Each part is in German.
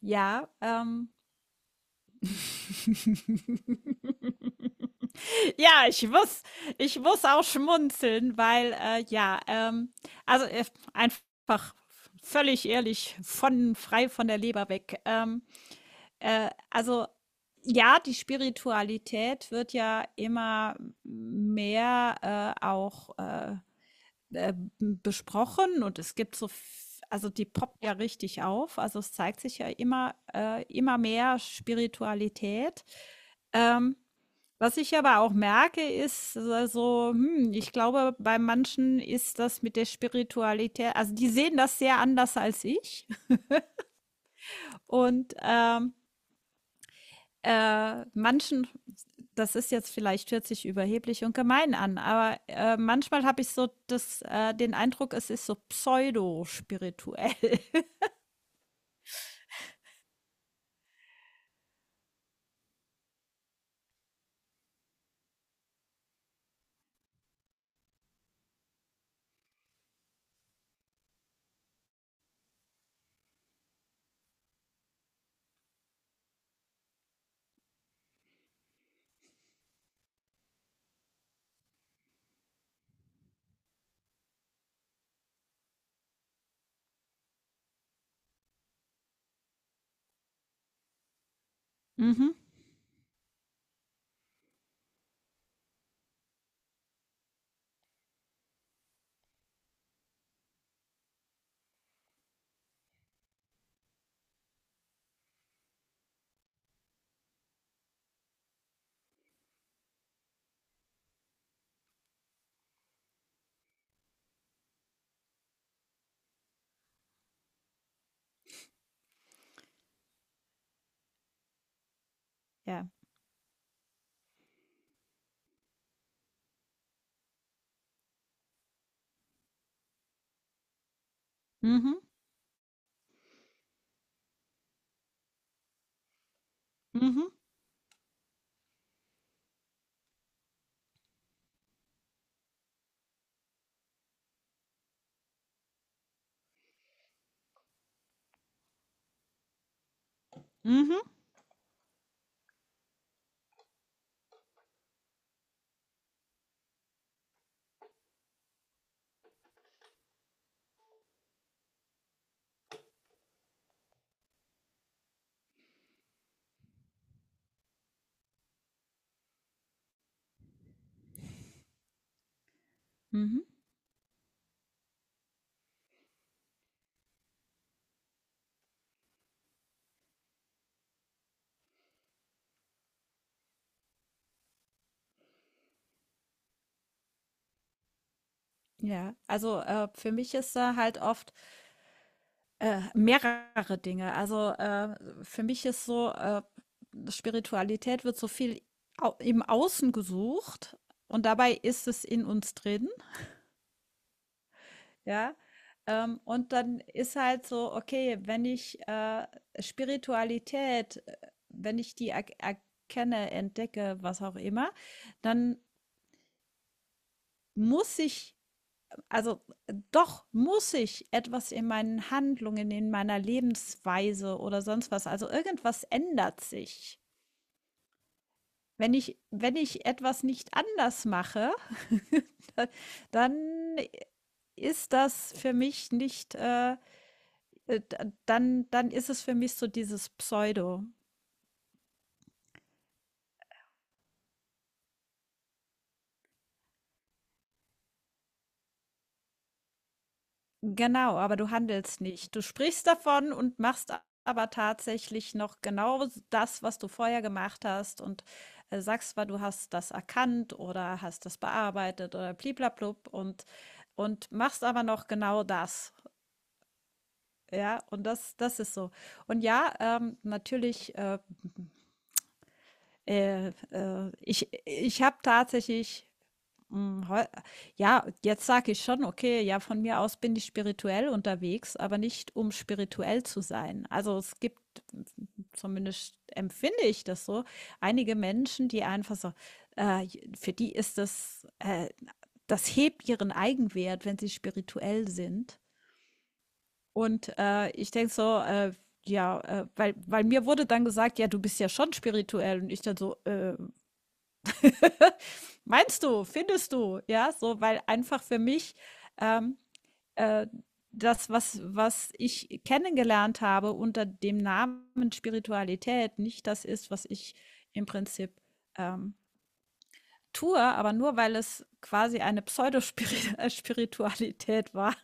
Ja, ja, ich muss, ich muss auch schmunzeln, weil also äh, einfach völlig ehrlich, von frei von der Leber weg. Also ja, die Spiritualität wird ja immer mehr auch äh, besprochen und es gibt also die poppt ja richtig auf. Also es zeigt sich ja immer mehr Spiritualität. Ähm, Was ich aber auch merke, ist hm, ich glaube, bei manchen ist das mit der Spiritualität, also die sehen das sehr anders als ich. Und manchen, das ist jetzt vielleicht hört sich überheblich und gemein an, aber manchmal habe ich den Eindruck, es ist so pseudo-spirituell. Mhm. Ja. Mhm. Mhm. Mhm. Mhm. Ja. Also für mich ist da halt oft mehrere Dinge. Für mich ist Spiritualität wird so viel au im Außen gesucht und dabei ist es in uns drin, ja? Und dann ist halt so, okay, wenn ich, Spiritualität wenn ich die er erkenne, entdecke, was auch immer, dann muss ich also, doch muss ich etwas in meinen Handlungen, in meiner Lebensweise oder sonst was, also irgendwas ändert sich. Wenn ich etwas nicht anders mache, dann ist das für mich nicht, d dann ist es für mich so dieses Pseudo. Genau, aber du handelst nicht. Du sprichst davon und machst a aber tatsächlich noch genau s das, was du vorher gemacht hast, und sagst zwar, du hast das erkannt oder hast das bearbeitet oder bli blub, und machst aber noch genau das, ja? Und das ist so. Und ja, natürlich, ich habe tatsächlich Hm, heu ja, jetzt sage ich schon: „Okay, ja, von mir aus bin ich spirituell unterwegs, aber nicht, um spirituell zu sein.“ Also, es gibt, zumindest empfinde ich das so, einige Menschen, die einfach äh, für die ist das hebt ihren Eigenwert, wenn sie spirituell sind. Und, ich denke so, ja, weil mir wurde dann gesagt: „Ja, du bist ja schon spirituell.“ Und ich dann so: „Äh.“ Meinst du? Findest du? Ja, so, weil einfach für mich, ähm, äh, das, was ich kennengelernt habe unter dem Namen Spiritualität, nicht das ist, was ich im Prinzip ähm, tue, aber nur weil es quasi eine Pseudospiritualität war.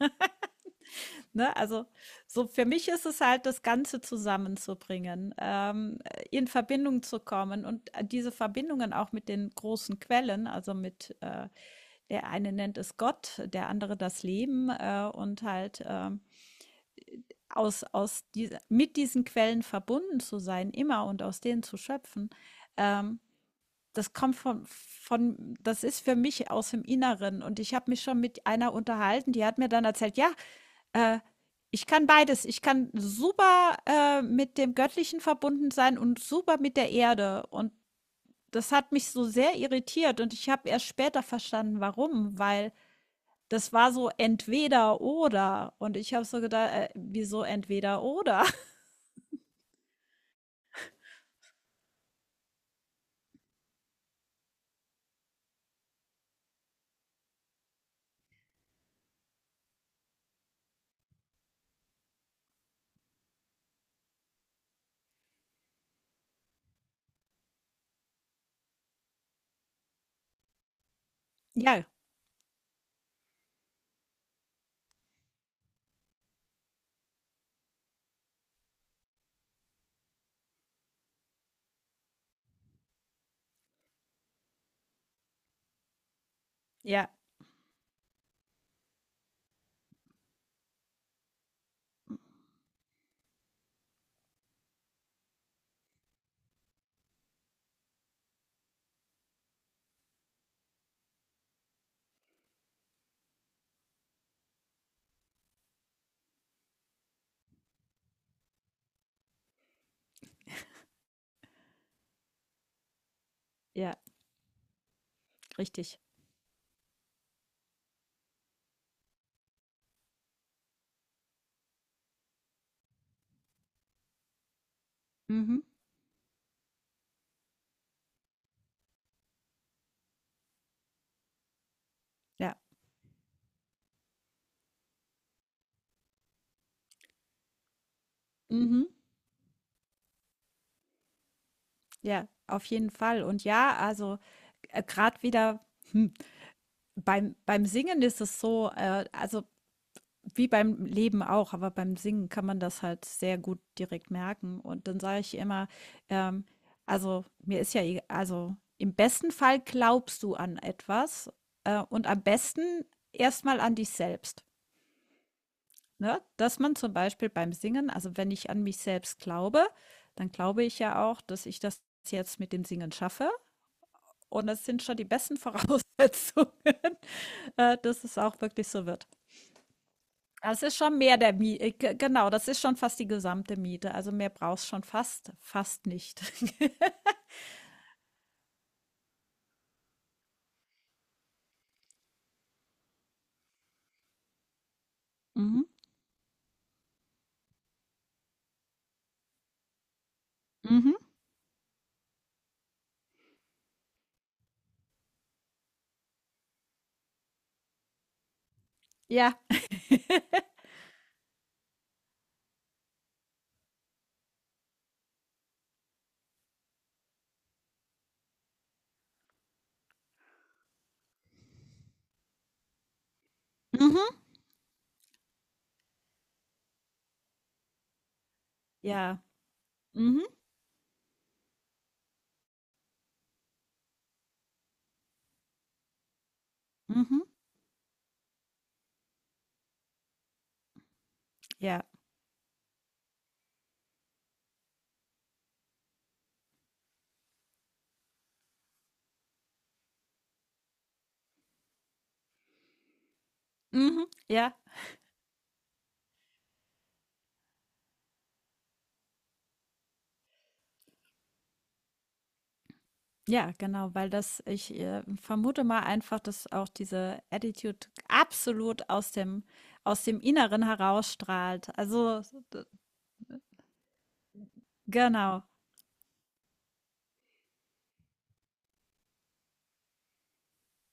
Ne? Also so für mich ist es halt, das Ganze zusammenzubringen, in Verbindung zu kommen und diese Verbindungen auch mit den großen Quellen, also mit der eine nennt es Gott, der andere das Leben, und halt aus diese, mit diesen Quellen verbunden zu sein, immer, und aus denen zu schöpfen. Ähm, das kommt von, das ist für mich aus dem Inneren. Und ich habe mich schon mit einer unterhalten, die hat mir dann erzählt, ja, äh, ich kann beides. Ich kann super, mit dem Göttlichen verbunden sein und super mit der Erde. Und das hat mich so sehr irritiert und ich habe erst später verstanden, warum, weil das war so entweder oder. Und ich habe so gedacht, wieso entweder oder? Ja, ja, ja, richtig. Mhm, ja, mhm, ja, auf jeden Fall. Und ja, also, grad wieder, hm, beim, beim Singen ist es also wie beim Leben auch, aber beim Singen kann man das halt sehr gut direkt merken. Und dann sage ich immer, ähm, also mir ist ja egal, also im besten Fall glaubst du an etwas, und am besten erstmal an dich selbst. Ne? Dass man zum Beispiel beim Singen, also wenn ich an mich selbst glaube, dann glaube ich ja auch, dass ich das jetzt mit dem Singen schaffe. Und das sind schon die besten Voraussetzungen, dass es auch wirklich so wird. Das ist schon mehr der Miete, genau, das ist schon fast die gesamte Miete. Also mehr brauchst schon fast, fast nicht. Mhm. Mhm. Ja. Mhm. Ja. Mhm. Mhm. Ja. Mhm. Ja. Ja, genau, weil das, ich vermute mal einfach, dass auch diese Attitude absolut aus dem Inneren herausstrahlt. Also, genau.